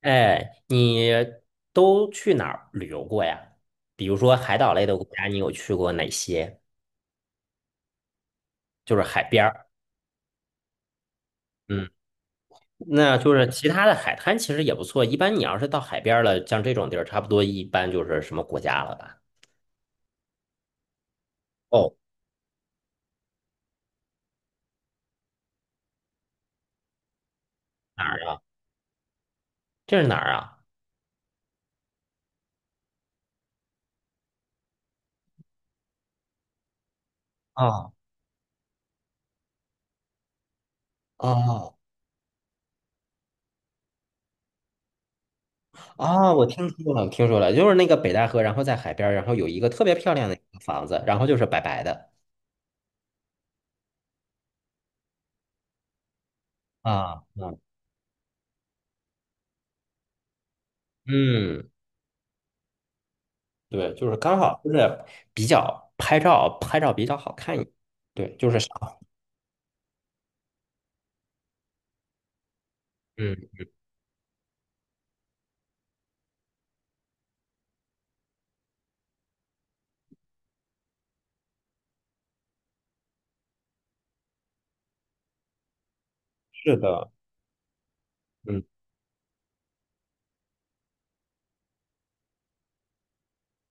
哎，你都去哪儿旅游过呀？比如说海岛类的国家，你有去过哪些？就是海边儿。嗯，那就是其他的海滩其实也不错。一般你要是到海边儿了，像这种地儿，差不多一般就是什么国家了吧？哦，哪儿啊？这是哪儿啊？哦哦哦，我听说了，听说了，就是那个北戴河，然后在海边儿，然后有一个特别漂亮的一个房子，然后就是白白的。啊，嗯嗯。对，就是刚好就是比较拍照，拍照比较好看一点。对，就是少。嗯，是的，嗯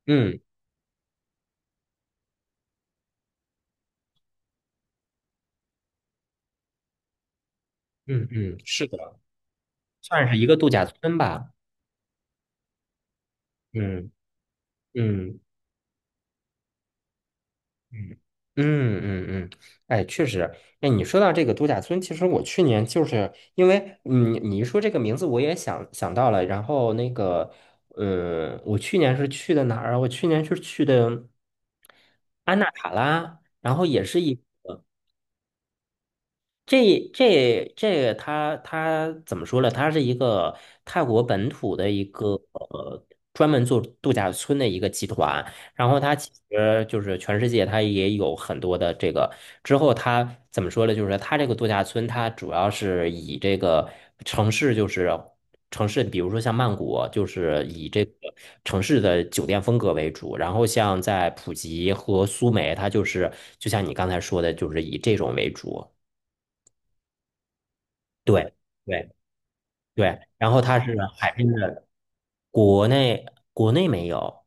嗯嗯嗯，是的，算是一个度假村吧。嗯嗯嗯嗯嗯嗯，哎，确实，哎，你说到这个度假村，其实我去年就是因为你一说这个名字，我也想到了。然后那个，嗯，我去年是去的哪儿啊？我去年是去的安纳卡拉，然后也是一。这个它怎么说呢？它是一个泰国本土的一个专门做度假村的一个集团，然后它其实就是全世界它也有很多的这个。之后它怎么说呢？就是它这个度假村，它主要是以这个城市就是城市，比如说像曼谷，就是以这个城市的酒店风格为主。然后像在普吉和苏梅，它就是就像你刚才说的，就是以这种为主。对对对，然后它是海边的。国内国内没有，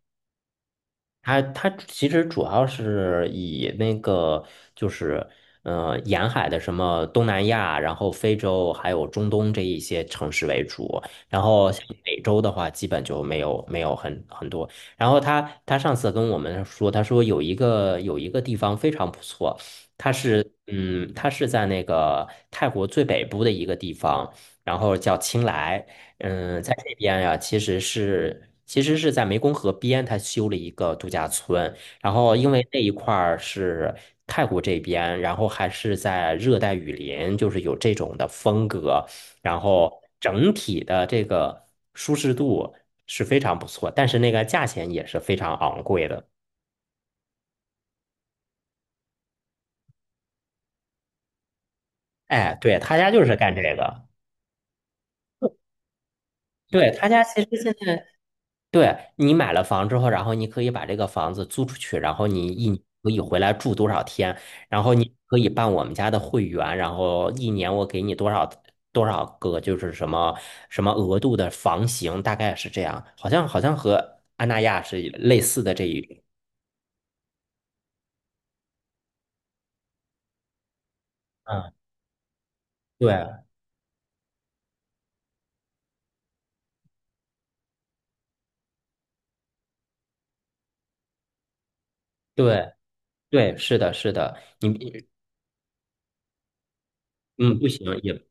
它它其实主要是以那个就是沿海的什么东南亚，然后非洲还有中东这一些城市为主，然后像美洲的话，基本就没有很多。然后他上次跟我们说，他说有一个地方非常不错，它是在那个泰国最北部的一个地方。然后叫清莱。嗯，在这边呀，其实是在湄公河边，他修了一个度假村。然后因为那一块儿是泰国这边，然后还是在热带雨林，就是有这种的风格，然后整体的这个舒适度是非常不错，但是那个价钱也是非常昂贵的。哎，对，他家就是干这个。对，他家其实现在对，你买了房之后，然后你可以把这个房子租出去，然后你一年可以回来住多少天，然后你可以办我们家的会员，然后一年我给你多少个，就是什么额度的房型，大概是这样，好像和安那亚是类似的这一种。嗯，对对对，是的，是的，你嗯，不行，也不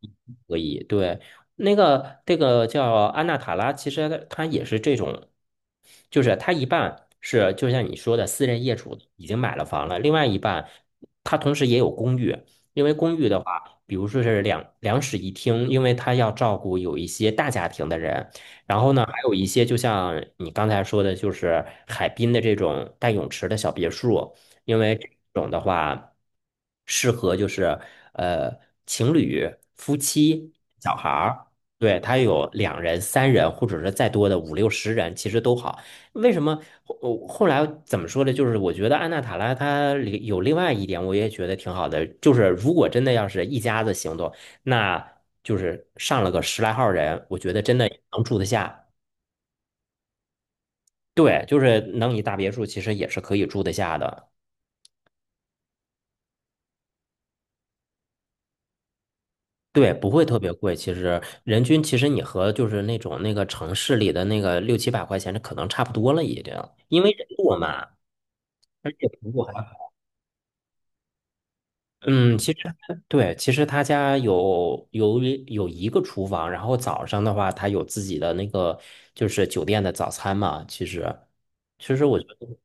可以。对，那个这个叫安娜塔拉，其实它也是这种，就是它一半是就像你说的私人业主已经买了房了，另外一半它同时也有公寓，因为公寓的话，比如说是两室一厅，因为它要照顾有一些大家庭的人，然后呢，还有一些就像你刚才说的，就是海滨的这种带泳池的小别墅。因为这种的话，适合就是呃情侣、夫妻、小孩儿，对，它有两人、三人，或者是再多的五六十人，其实都好。为什么后呃后来怎么说呢？就是我觉得安娜塔拉它里有另外一点，我也觉得挺好的，就是如果真的要是一家子行动，那就是上了个十来号人，我觉得真的也能住得下。对，就是能一大别墅，其实也是可以住得下的。对，不会特别贵。其实人均，其实你和就是那种那个城市里的那个六七百块钱，这可能差不多了已经，因为人多嘛，而且服务还好嗯，其实对，其实他家有一个厨房，然后早上的话，他有自己的那个就是酒店的早餐嘛。其实，其实我觉得，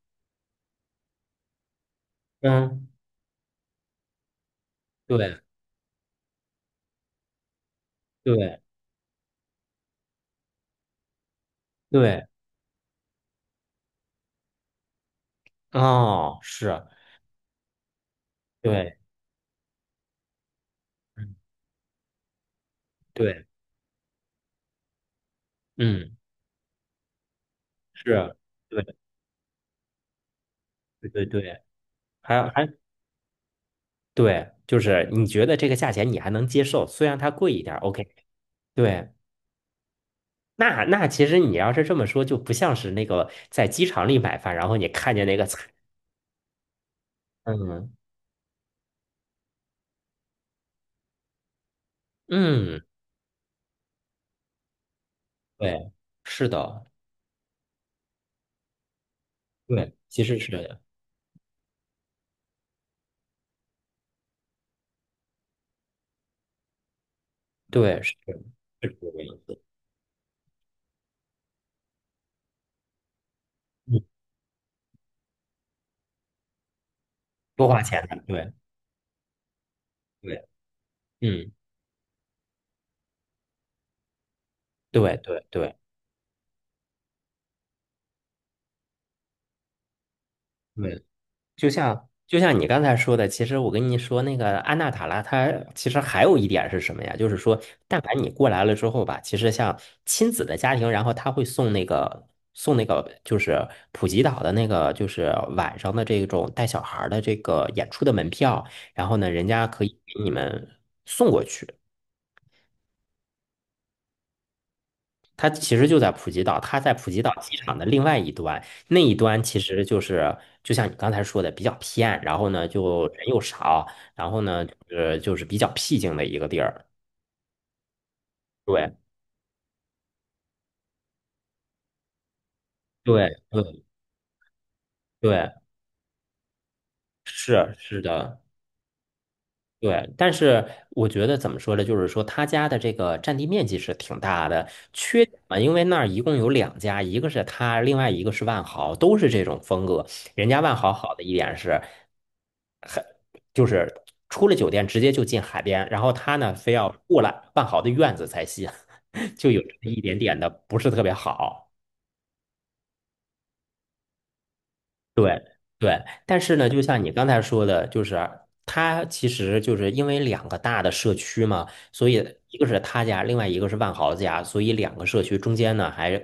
嗯，对对对，哦，是，对，嗯，对，嗯，是，对对对对，还还。对，就是你觉得这个价钱你还能接受，虽然它贵一点儿，OK。对，那那其实你要是这么说，就不像是那个在机场里买饭，然后你看见那个菜，嗯嗯，对，是的，对，其实是这样，对，是是这个意思，嗯，多花钱的，对对，嗯，对对对。对就像就像你刚才说的，其实我跟你说那个安娜塔拉，它其实还有一点是什么呀？就是说，但凡你过来了之后吧，其实像亲子的家庭，然后他会送那个就是普吉岛的那个就是晚上的这种带小孩儿的这个演出的门票，然后呢，人家可以给你们送过去。它其实就在普吉岛，它在普吉岛机场的另外一端，那一端其实就是就像你刚才说的比较偏，然后呢就人又少，然后呢就是比较僻静的一个地儿。对对对对，是是的。对，但是我觉得怎么说呢？就是说他家的这个占地面积是挺大的，缺点嘛，因为那儿一共有两家，一个是他，另外一个是万豪，都是这种风格。人家万豪好的一点是，很就是出了酒店直接就进海边，然后他呢非要过来万豪的院子才行，就有这么一点点的不是特别好。对对，但是呢，就像你刚才说的，就是它其实就是因为两个大的社区嘛，所以一个是他家，另外一个是万豪家，所以两个社区中间呢，还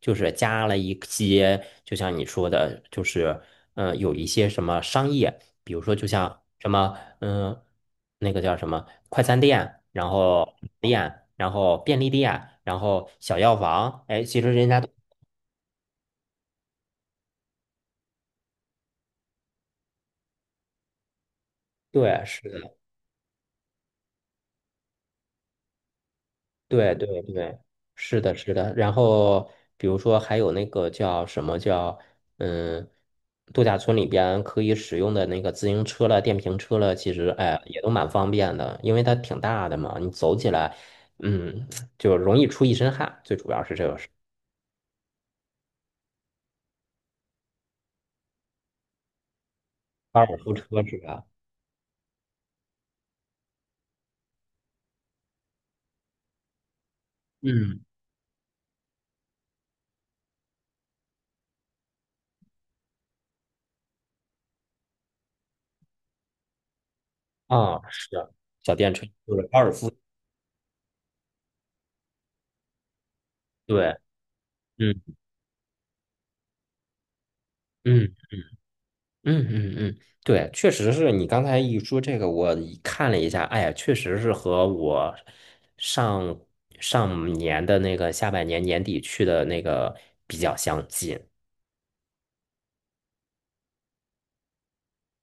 就是加了一些，就像你说的，就是有一些什么商业，比如说就像什么那个叫什么快餐店，然后店，然后便利店，然后小药房，哎，其实人家都对是。的。对对对，是的，是的。然后比如说还有那个叫什么叫嗯，度假村里边可以使用的那个自行车了、电瓶车了，其实哎也都蛮方便的，因为它挺大的嘛，你走起来，嗯，就容易出一身汗，最主要是这个是高尔夫车是吧？嗯，啊，是小电车就是高尔夫，对，嗯嗯。嗯嗯嗯，对，确实是你刚才一说这个，我一看了一下，哎呀，确实是和我上上年的那个下半年年底去的那个比较相近。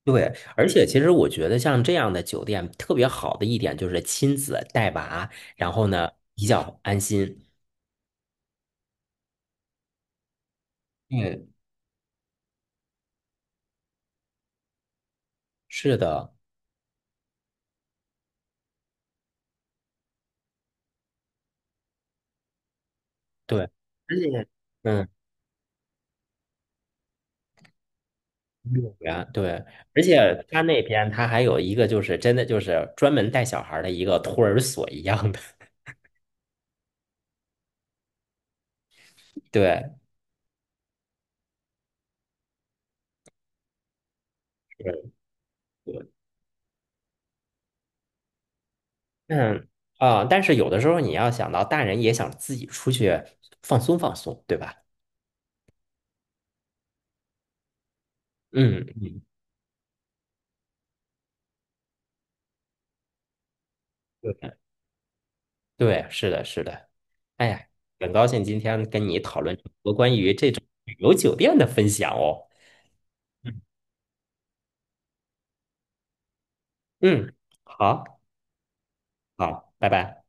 对，而且其实我觉得像这样的酒店特别好的一点就是亲子带娃，然后呢比较安心。嗯，是的，对，而且嗯，幼儿园对，而且他那边他还有一个就是真的就是专门带小孩儿的一个托儿所一样的。对，是对，嗯啊，但是有的时候你要想到大人也想自己出去放松放松，对吧？嗯嗯，对对，是的，是的。哎呀，很高兴今天跟你讨论这么多关于这种旅游酒店的分享哦。嗯嗯，好，好，拜拜。